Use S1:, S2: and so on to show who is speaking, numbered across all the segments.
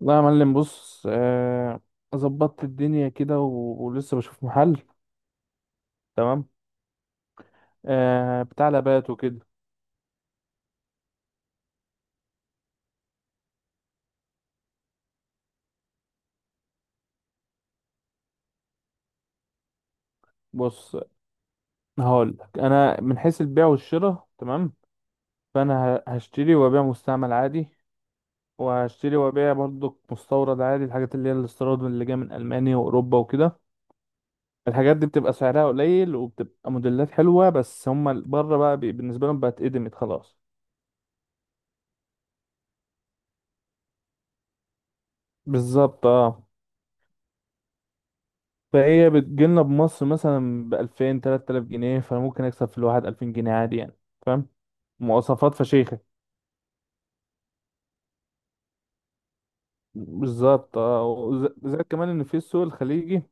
S1: لا يا معلم، بص، ظبطت الدنيا كده ولسه بشوف محل. تمام. بتاع لابات وكده. بص، هقول لك، انا من حيث البيع والشراء تمام. فانا هشتري وابيع مستعمل عادي، وهشتري وابيع برضك مستورد عادي. الحاجات اللي هي الاستيراد اللي جايه من المانيا واوروبا وكده، الحاجات دي بتبقى سعرها قليل وبتبقى موديلات حلوه، بس هم بره بقى بالنسبه لهم بقت اتقدمت خلاص. بالظبط، اه. فهي بتجيلنا بمصر مثلا بألفين تلات آلاف جنيه، فممكن أكسب في الواحد 2000 جنيه عادي يعني. فاهم؟ مواصفات فشيخة. بالظبط، اه. زائد كمان إن في السوق الخليجي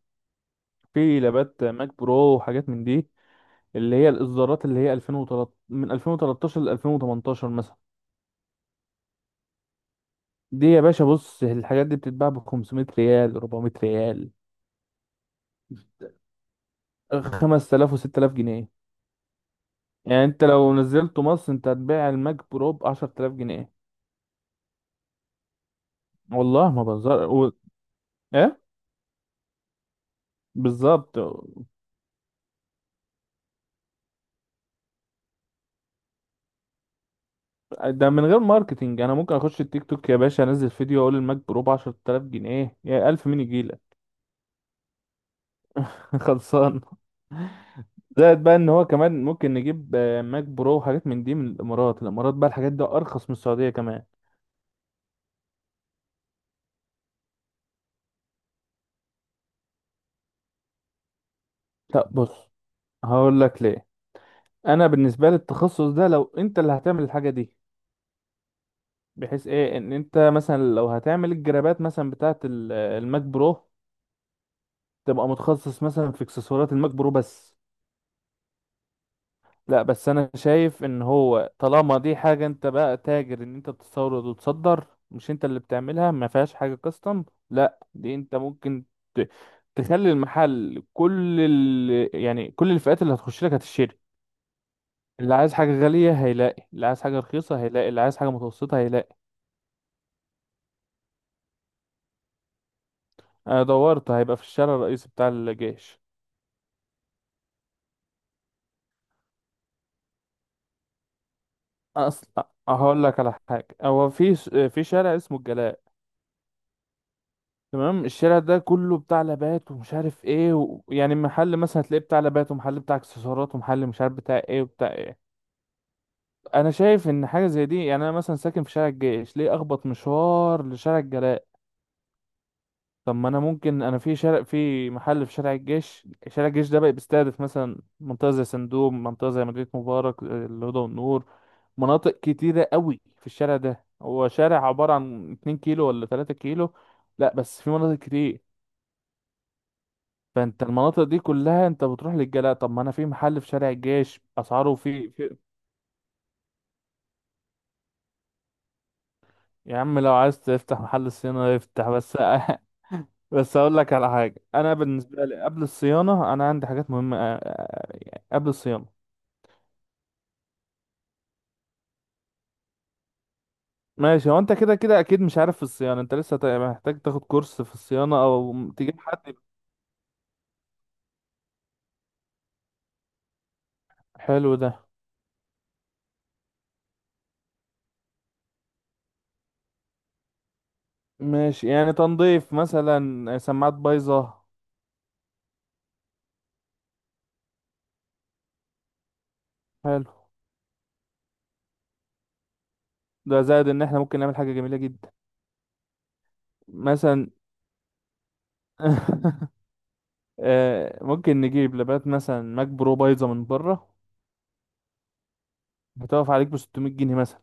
S1: في لابات ماك برو وحاجات من دي، اللي هي الإصدارات اللي هي 2013، من 2013 ل 2018 مثلا. دي يا باشا بص، الحاجات دي بتتباع ب 500 ريال، 400 ريال، 5000 و6000 جنيه. يعني انت لو نزلته مصر انت هتبيع الماك برو ب 10000 جنيه. والله ما بهزر إيه؟ بالظبط. ده من غير ماركتينج، انا ممكن اخش التيك توك يا باشا، انزل فيديو اقول الماك برو ب 10000 جنيه يا 1000، مين يجيلك؟ خلصان. زائد بقى ان هو كمان ممكن نجيب ماك برو وحاجات من دي من الامارات. الامارات بقى الحاجات دي ارخص من السعوديه كمان. لا بص، هقول لك ليه. انا بالنسبه لي التخصص ده لو انت اللي هتعمل الحاجه دي، بحيث ايه، ان انت مثلا لو هتعمل الجرابات مثلا بتاعه الماك برو، تبقى متخصص مثلا في اكسسوارات الماك برو بس. لا بس انا شايف ان هو طالما دي حاجة انت بقى تاجر، ان انت بتستورد وتصدر، مش انت اللي بتعملها، ما فيهاش حاجة كاستم. لا، دي انت ممكن ت- تخلي المحل كل يعني كل الفئات اللي هتخش لك هتشتري. اللي عايز حاجة غالية هيلاقي، اللي عايز حاجة رخيصة هيلاقي، اللي عايز حاجة متوسطة هيلاقي. انا دورت، هيبقى في الشارع الرئيسي بتاع الجيش. اصلا هقول لك على حاجة، هو في في شارع اسمه الجلاء. تمام، الشارع ده كله بتاع لابات ومش عارف ايه يعني محل مثلا هتلاقيه بتاع لابات، ومحل بتاع اكسسوارات، ومحل مش عارف بتاع ايه وبتاع ايه. انا شايف ان حاجه زي دي يعني، انا مثلا ساكن في شارع الجيش، ليه اخبط مشوار لشارع الجلاء؟ طب ما انا ممكن، انا في شارع، في محل في شارع الجيش. شارع الجيش ده بقى بيستهدف مثلا منطقه زي سندوم، منطقه زي مدينه مبارك، الهدى والنور، مناطق كتيره قوي. في الشارع ده، هو شارع عباره عن 2 كيلو ولا 3 كيلو. لا بس في مناطق كتير. فانت المناطق دي كلها انت بتروح للجلاء؟ طب ما انا في محل في شارع الجيش، اسعاره يا عم لو عايز تفتح محل صيانة افتح بس. بس اقول لك على حاجة، انا بالنسبة لي قبل الصيانة، انا عندي حاجات مهمة، يعني قبل الصيانة. ماشي، هو انت كده كده اكيد مش عارف في الصيانة، انت لسه محتاج تاخد كورس في الصيانة او تجيب حد. حلو ده. ماشي، يعني تنظيف مثلا سماعات بايظة. حلو ده. زائد ان احنا ممكن نعمل حاجة جميلة جدا. مثلا، ممكن نجيب لبات مثلا ماك برو بايظه من بره، هتقف عليك ب 600 جنيه مثلا.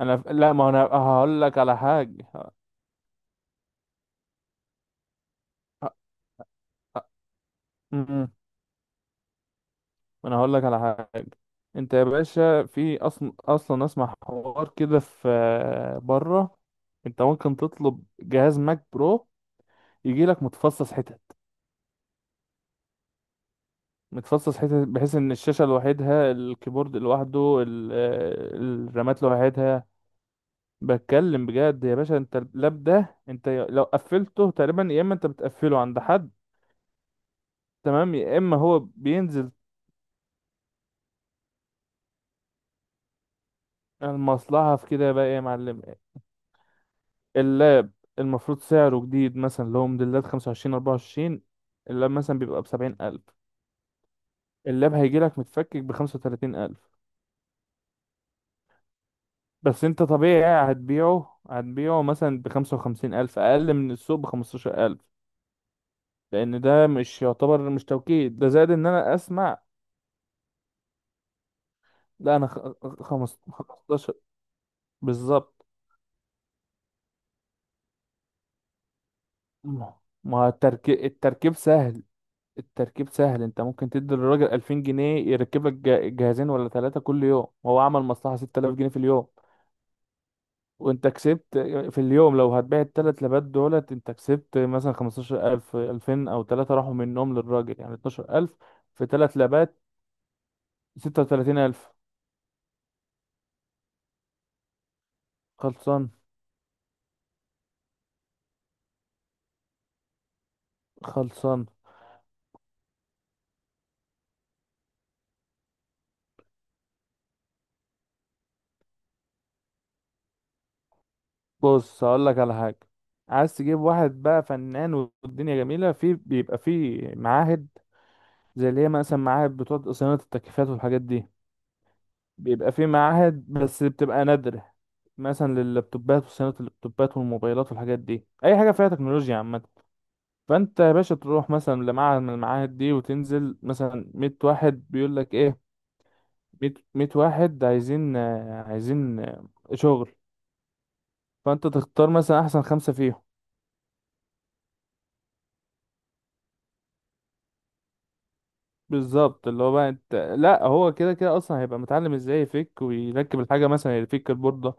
S1: انا لا، ما انا هقول لك على حاجه، ه- ه- أمم، انا هقول لك على حاجه. انت يا باشا، في اصلا اصلا، اسمع حوار كده، في بره انت ممكن تطلب جهاز ماك برو، يجي لك متفصص حتت، متفصص حتت، بحيث ان الشاشه لوحدها، الكيبورد لوحده، الرامات لوحدها. بتكلم بجد يا باشا. انت اللاب ده انت لو قفلته تقريبا، يا اما انت بتقفله عند حد، تمام، يا اما هو بينزل. المصلحة في كده بقى ايه يا معلم؟ اللاب المفروض سعره جديد مثلا، اللي هو موديلات 25، 24، اللاب مثلا بيبقى ب70 ألف. اللاب هيجيلك متفكك ب35 ألف. بس انت طبيعي هتبيعه مثلا ب55 ألف، أقل من السوق ب15 ألف. لأن ده مش يعتبر، مش توكيد، ده زائد إن أنا أسمع. لا، أنا 15. بالظبط. ما التركيب سهل. التركيب سهل. انت ممكن تدي للراجل 2000 جنيه يركب لك جهازين ولا ثلاثة كل يوم، هو عمل مصلحة 6000 جنيه في اليوم. وانت كسبت في اليوم. لو هتبيع ال3 لبات دولت انت كسبت مثلا 15000، 2000 او ثلاثة راحوا منهم للراجل، يعني 12000. في 3 لبات 36000. خلصان. خلصان. بص، هقول لك على حاجة، عايز تجيب واحد بقى فنان والدنيا جميلة. في بيبقى في معاهد، زي اللي هي مثلا معاهد بتوع صيانة التكييفات والحاجات دي. بيبقى في معاهد بس بتبقى نادرة، مثلا لللابتوبات، وصيانة اللابتوبات والموبايلات والحاجات دي، أي حاجة فيها تكنولوجيا عامة. فأنت يا باشا تروح مثلا لمعهد من المعاهد دي، وتنزل مثلا 100 واحد بيقول لك إيه؟ مية، مية واحد عايزين شغل. فأنت تختار مثلا أحسن خمسة فيهم. بالظبط، اللي هو بقى انت، لا، هو كده كده اصلا هيبقى متعلم ازاي يفك ويركب الحاجه، مثلا يفك البورده.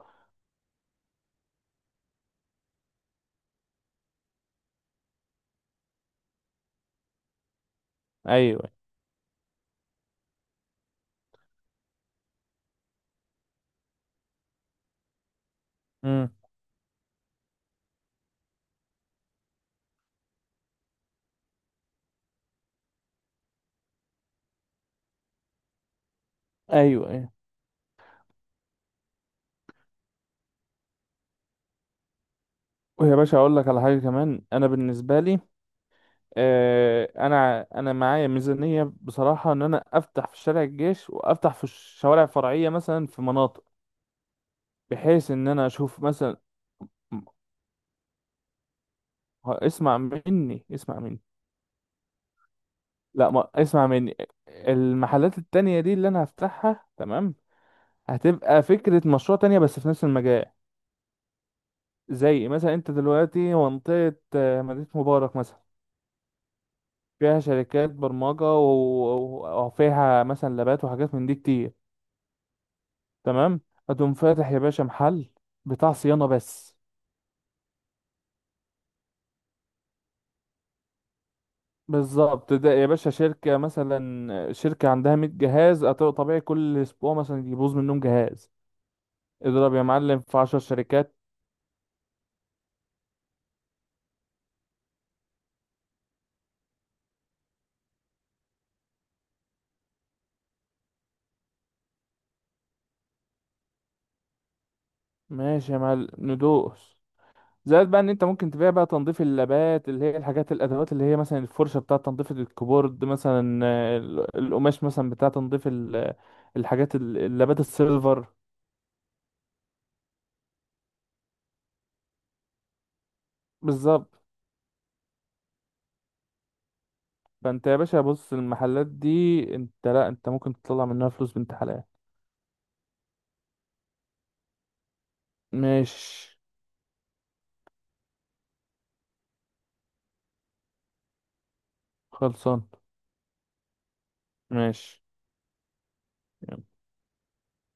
S1: ايوه. امم. ايوه. ويا باشا اقول لك على حاجه كمان. انا بالنسبه لي، انا معايا ميزانيه بصراحه، ان انا افتح في شارع الجيش وافتح في الشوارع الفرعيه مثلا في مناطق، بحيث ان انا اشوف مثلا. م- اسمع مني، اسمع مني. لا، ما اسمع مني. المحلات التانية دي اللي انا هفتحها، تمام، هتبقى فكره مشروع تانية بس في نفس المجال. زي مثلا انت دلوقتي منطقه مدينه مبارك مثلا، فيها شركات برمجه، وفيها مثلا لابات وحاجات من دي كتير. تمام. هتقوم فاتح يا باشا محل بتاع صيانة بس. بالظبط. ده يا باشا شركة، مثلا شركة عندها 100 جهاز طبيعي كل أسبوع مثلا يبوظ منهم جهاز. اضرب يا معلم في 10 شركات. ماشي يا معلم، ندوس. زائد بقى ان انت ممكن تبيع بقى تنظيف اللابات، اللي هي الحاجات، الادوات اللي هي مثلا الفرشه بتاع تنظيف الكيبورد مثلا، القماش مثلا بتاع تنظيف الحاجات، اللابات السيلفر. بالظبط. فانت يا باشا بص، المحلات دي انت، لا، انت ممكن تطلع منها فلوس بنت حلال. ماشي. خلصان. ماشي.